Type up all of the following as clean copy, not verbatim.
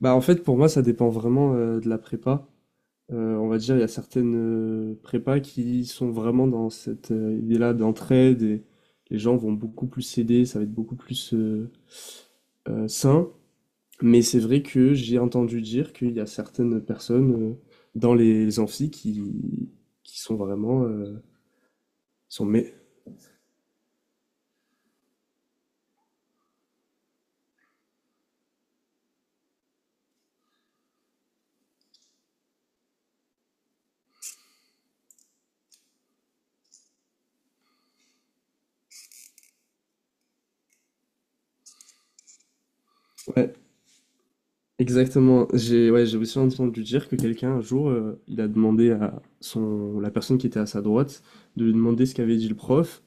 Bah, en fait, pour moi, ça dépend vraiment de la prépa. On va dire, il y a certaines prépas qui sont vraiment dans cette idée-là d'entraide et les gens vont beaucoup plus s'aider, ça va être beaucoup plus sain. Mais c'est vrai que j'ai entendu dire qu'il y a certaines personnes dans les amphis qui sont vraiment... sont Ouais, exactement. J'ai aussi entendu dire que quelqu'un, un jour, il a demandé à son, la personne qui était à sa droite de lui demander ce qu'avait dit le prof.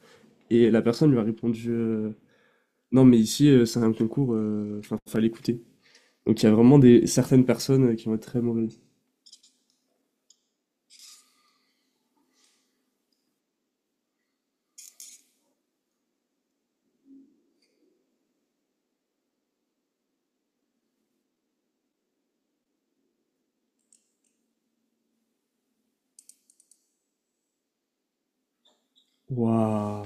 Et la personne lui a répondu non, mais ici, c'est un concours, enfin, fallait écouter. Donc il y a vraiment des, certaines personnes qui vont être très mauvaises. Waouh!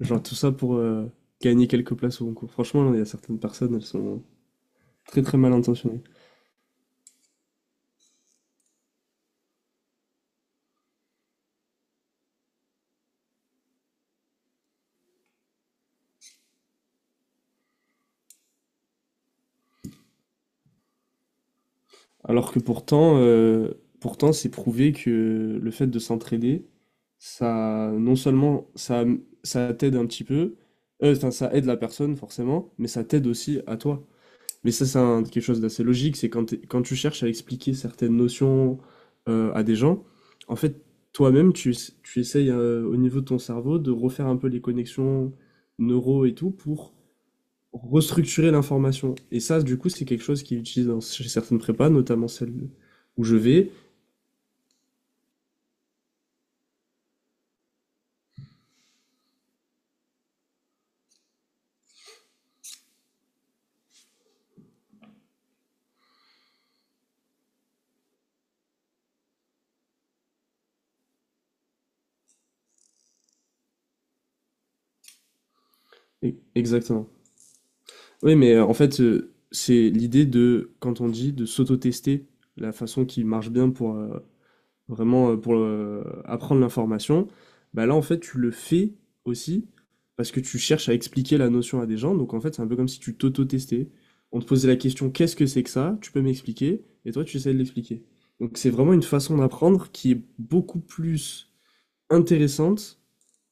Genre tout ça pour gagner quelques places au concours. Franchement, il y a certaines personnes, elles sont très très mal intentionnées. Alors que pourtant, pourtant c'est prouvé que le fait de s'entraider, ça, non seulement ça, ça t'aide un petit peu, enfin, ça aide la personne forcément, mais ça t'aide aussi à toi. Mais ça, c'est quelque chose d'assez logique, c'est quand tu cherches à expliquer certaines notions à des gens, en fait, toi-même, tu essayes au niveau de ton cerveau de refaire un peu les connexions neuro et tout pour restructurer l'information. Et ça, du coup, c'est quelque chose qu'ils utilisent dans, chez certaines prépas, notamment celle où je vais. Exactement. Oui, mais en fait, c'est l'idée de, quand on dit de s'auto-tester, la façon qui marche bien pour vraiment pour apprendre l'information, bah là en fait tu le fais aussi parce que tu cherches à expliquer la notion à des gens. Donc en fait c'est un peu comme si tu t'auto-testais. On te posait la question, qu'est-ce que c'est que ça? Tu peux m'expliquer? Et toi tu essaies de l'expliquer. Donc c'est vraiment une façon d'apprendre qui est beaucoup plus intéressante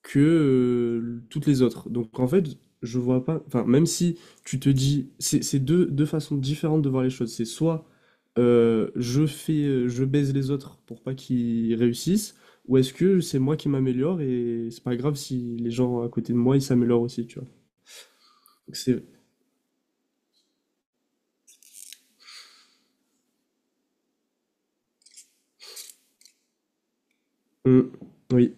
que toutes les autres. Donc en fait je vois pas, enfin même si tu te dis, c'est deux façons différentes de voir les choses. C'est soit je baise les autres pour pas qu'ils réussissent, ou est-ce que c'est moi qui m'améliore et c'est pas grave si les gens à côté de moi ils s'améliorent aussi, tu vois. Donc c'est, hum, oui.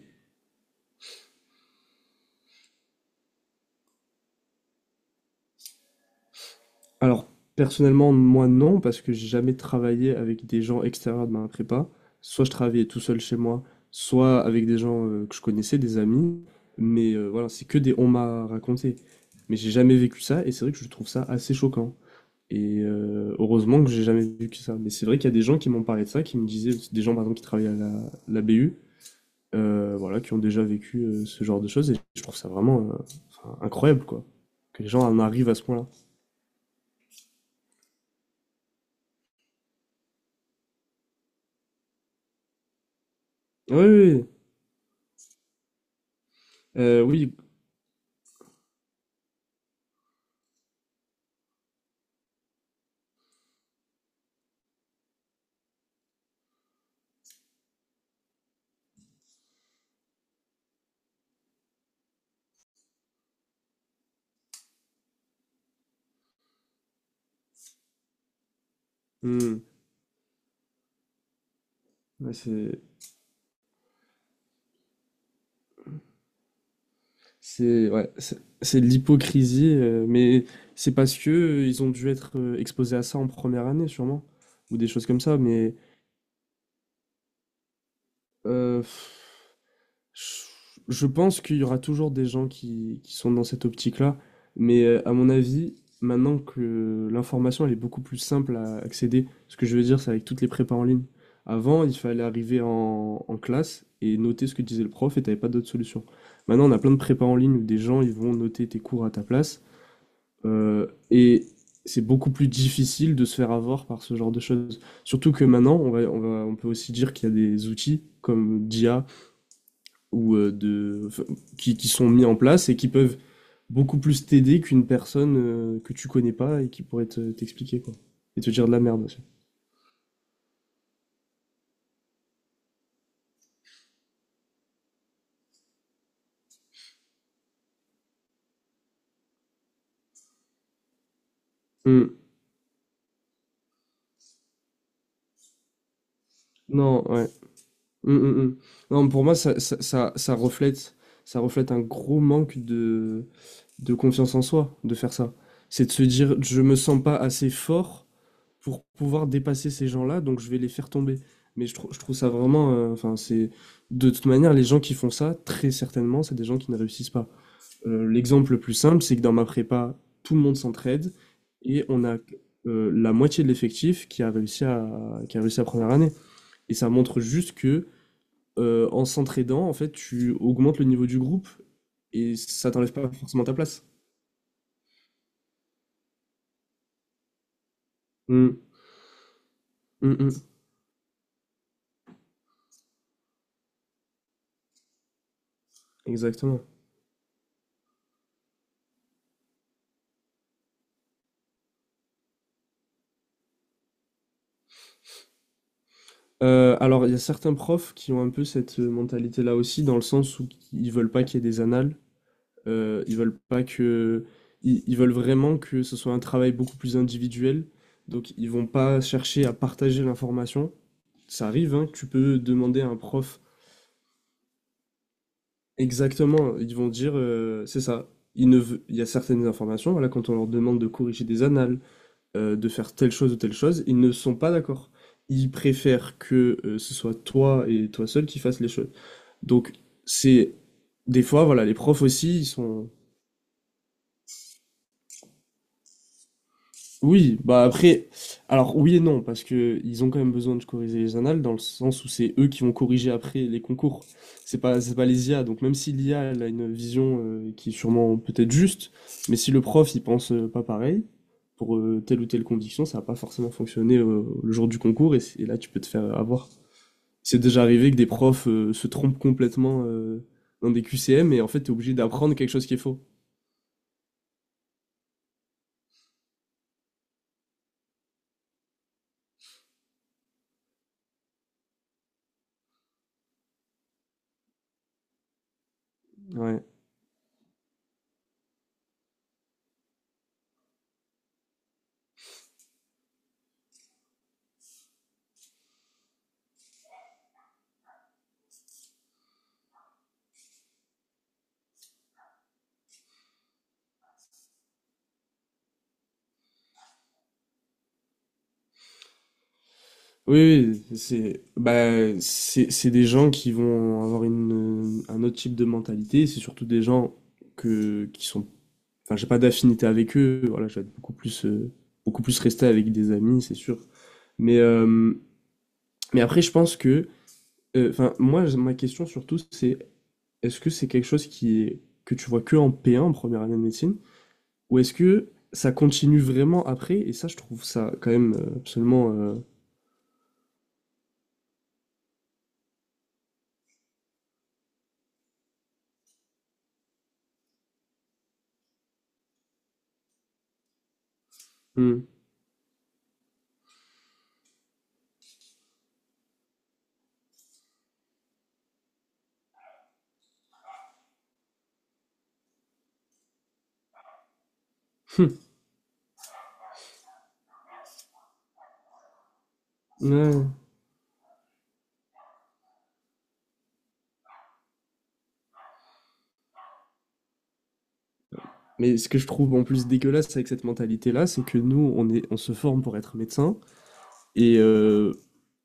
Alors personnellement moi non parce que j'ai jamais travaillé avec des gens extérieurs de ma prépa. Soit je travaillais tout seul chez moi, soit avec des gens que je connaissais, des amis. Mais voilà, c'est que des on m'a raconté. Mais j'ai jamais vécu ça et c'est vrai que je trouve ça assez choquant. Et heureusement que j'ai jamais vu que ça. Mais c'est vrai qu'il y a des gens qui m'ont parlé de ça, qui me disaient, des gens par exemple qui travaillent à la BU, voilà, qui ont déjà vécu ce genre de choses. Et je trouve ça vraiment enfin, incroyable, quoi. Que les gens en arrivent à ce point-là. Oui, oui, oui. Oui. Hmm. Ouais, ouais, c'est de l'hypocrisie, mais c'est parce que ils ont dû être exposés à ça en première année, sûrement, ou des choses comme ça. Mais euh, je pense qu'il y aura toujours des gens qui sont dans cette optique-là, mais à mon avis, maintenant que l'information elle est beaucoup plus simple à accéder, ce que je veux dire, c'est avec toutes les prépas en ligne. Avant, il fallait arriver en classe et noter ce que disait le prof et t'avais pas d'autre solution. Maintenant, on a plein de prépas en ligne où des gens ils vont noter tes cours à ta place et c'est beaucoup plus difficile de se faire avoir par ce genre de choses. Surtout que maintenant, on peut aussi dire qu'il y a des outils comme d'IA ou qui sont mis en place et qui peuvent beaucoup plus t'aider qu'une personne que tu connais pas et qui pourrait t'expliquer quoi et te dire de la merde aussi. Hmm. Non, ouais. Hmm, hmm, hmm. Non, pour moi ça reflète, ça reflète un gros manque de confiance en soi de faire ça. C'est de se dire je me sens pas assez fort pour pouvoir dépasser ces gens-là donc je vais les faire tomber. Mais je trouve ça vraiment enfin c'est de toute manière les gens qui font ça très certainement c'est des gens qui ne réussissent pas. L'exemple le plus simple, c'est que dans ma prépa, tout le monde s'entraide et on a la moitié de l'effectif qui a réussi à qui a réussi la première année. Et ça montre juste que en s'entraidant, en fait, tu augmentes le niveau du groupe et ça t'enlève pas forcément ta place. Mm, mm, mm, exactement. Alors, il y a certains profs qui ont un peu cette mentalité-là aussi, dans le sens où ils veulent pas qu'il y ait des annales. Ils veulent pas que, ils veulent vraiment que ce soit un travail beaucoup plus individuel. Donc ils vont pas chercher à partager l'information. Ça arrive, hein, que tu peux demander à un prof, exactement. Ils vont dire, c'est ça. Il ne veut- Il y a certaines informations. Voilà, quand on leur demande de corriger des annales, de faire telle chose ou telle chose, ils ne sont pas d'accord. Ils préfèrent que ce soit toi et toi seul qui fasses les choses. Donc c'est des fois, voilà, les profs aussi, ils sont. Oui, bah après, alors oui et non, parce que ils ont quand même besoin de corriger les annales dans le sens où c'est eux qui vont corriger après les concours. C'est pas les IA. Donc même si l'IA elle a une vision qui est sûrement peut-être juste, mais si le prof il pense pas pareil pour telle ou telle condition, ça va pas forcément fonctionner le jour du concours et, et là tu peux te faire avoir. C'est déjà arrivé que des profs se trompent complètement dans des QCM et en fait t'es obligé d'apprendre quelque chose qui est faux. Ouais. Oui, oui, c'est bah c'est des gens qui vont avoir une un autre type de mentalité, c'est surtout des gens que qui sont enfin j'ai pas d'affinité avec eux, voilà, je vais être beaucoup plus resté avec des amis, c'est sûr. Mais euh, mais après je pense que enfin moi ma question surtout c'est est-ce que c'est quelque chose qui est que tu vois que en P1 en première année de médecine ou est-ce que ça continue vraiment après et ça je trouve ça quand même absolument hmm, hmm, ouais. Mais ce que je trouve en plus dégueulasse avec cette mentalité-là, c'est que nous, on se forme pour être médecin. Et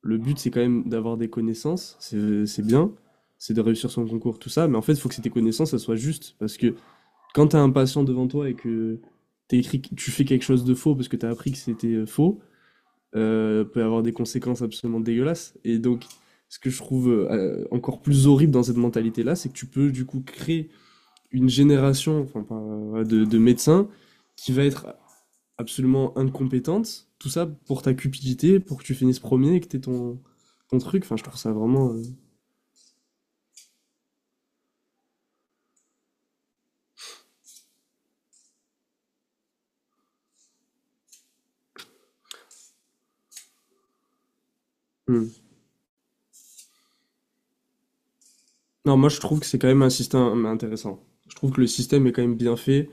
le but, c'est quand même d'avoir des connaissances. C'est bien. C'est de réussir son concours, tout ça. Mais en fait, il faut que tes connaissances, elles soient justes. Parce que quand t'as un patient devant toi et que t'écris, tu fais quelque chose de faux parce que t'as appris que c'était faux, peut avoir des conséquences absolument dégueulasses. Et donc, ce que je trouve encore plus horrible dans cette mentalité-là, c'est que tu peux du coup créer une génération enfin, ouais, de médecins qui va être absolument incompétente. Tout ça pour ta cupidité, pour que tu finisses premier et que t'aies ton, ton truc. Enfin, je trouve ça vraiment. Euh, hmm. Non, moi, je trouve que c'est quand même un système intéressant. Je trouve que le système est quand même bien fait.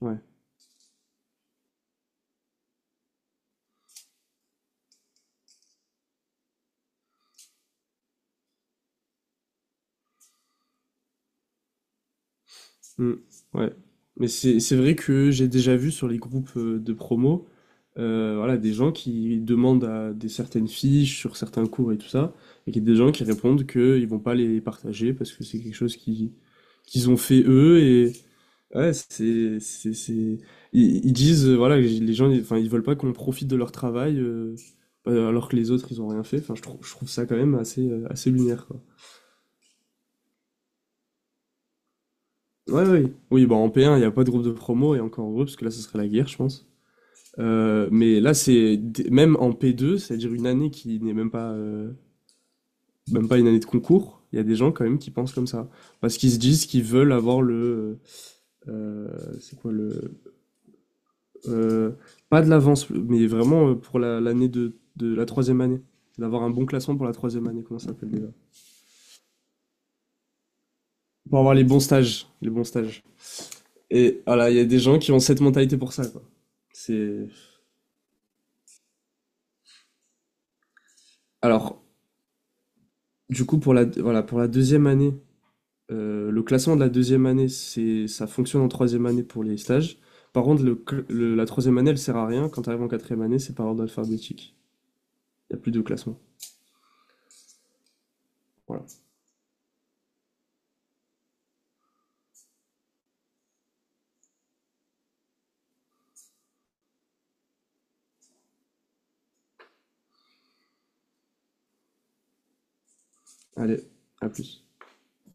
Ouais. Hmm. Ouais. Mais c'est vrai que j'ai déjà vu sur les groupes de promo, voilà, des gens qui demandent à des certaines fiches sur certains cours et tout ça, et qu'il y a des gens qui répondent qu'ils vont pas les partager parce que c'est quelque chose qui qu'ils ont fait eux et ouais, c'est ils disent voilà, enfin ils veulent pas qu'on profite de leur travail alors que les autres ils ont rien fait. Enfin je trouve ça quand même assez assez lunaire quoi. Ouais ouais. Oui, oui, bah en P1, il n'y a pas de groupe de promo et encore heureux parce que là ce serait la guerre, je pense. Mais là même en P2, c'est-à-dire une année qui n'est même pas même pas une année de concours, il y a des gens quand même qui pensent comme ça parce qu'ils se disent qu'ils veulent avoir le euh, c'est quoi le, heu, pas de l'avance, mais vraiment, pour la l'année de la troisième année. D'avoir un bon classement pour la troisième année, comment ça s'appelle déjà? Pour avoir les bons stages, les bons stages. Et voilà, il y a des gens qui ont cette mentalité pour ça, quoi. C'est alors, du coup, pour la voilà, pour la deuxième année, le classement de la deuxième année, c'est ça fonctionne en troisième année pour les stages. Par contre, le cl le la troisième année, elle sert à rien. Quand tu arrives en quatrième année, c'est par ordre alphabétique. Il y a plus de classement. Voilà. Allez, à plus.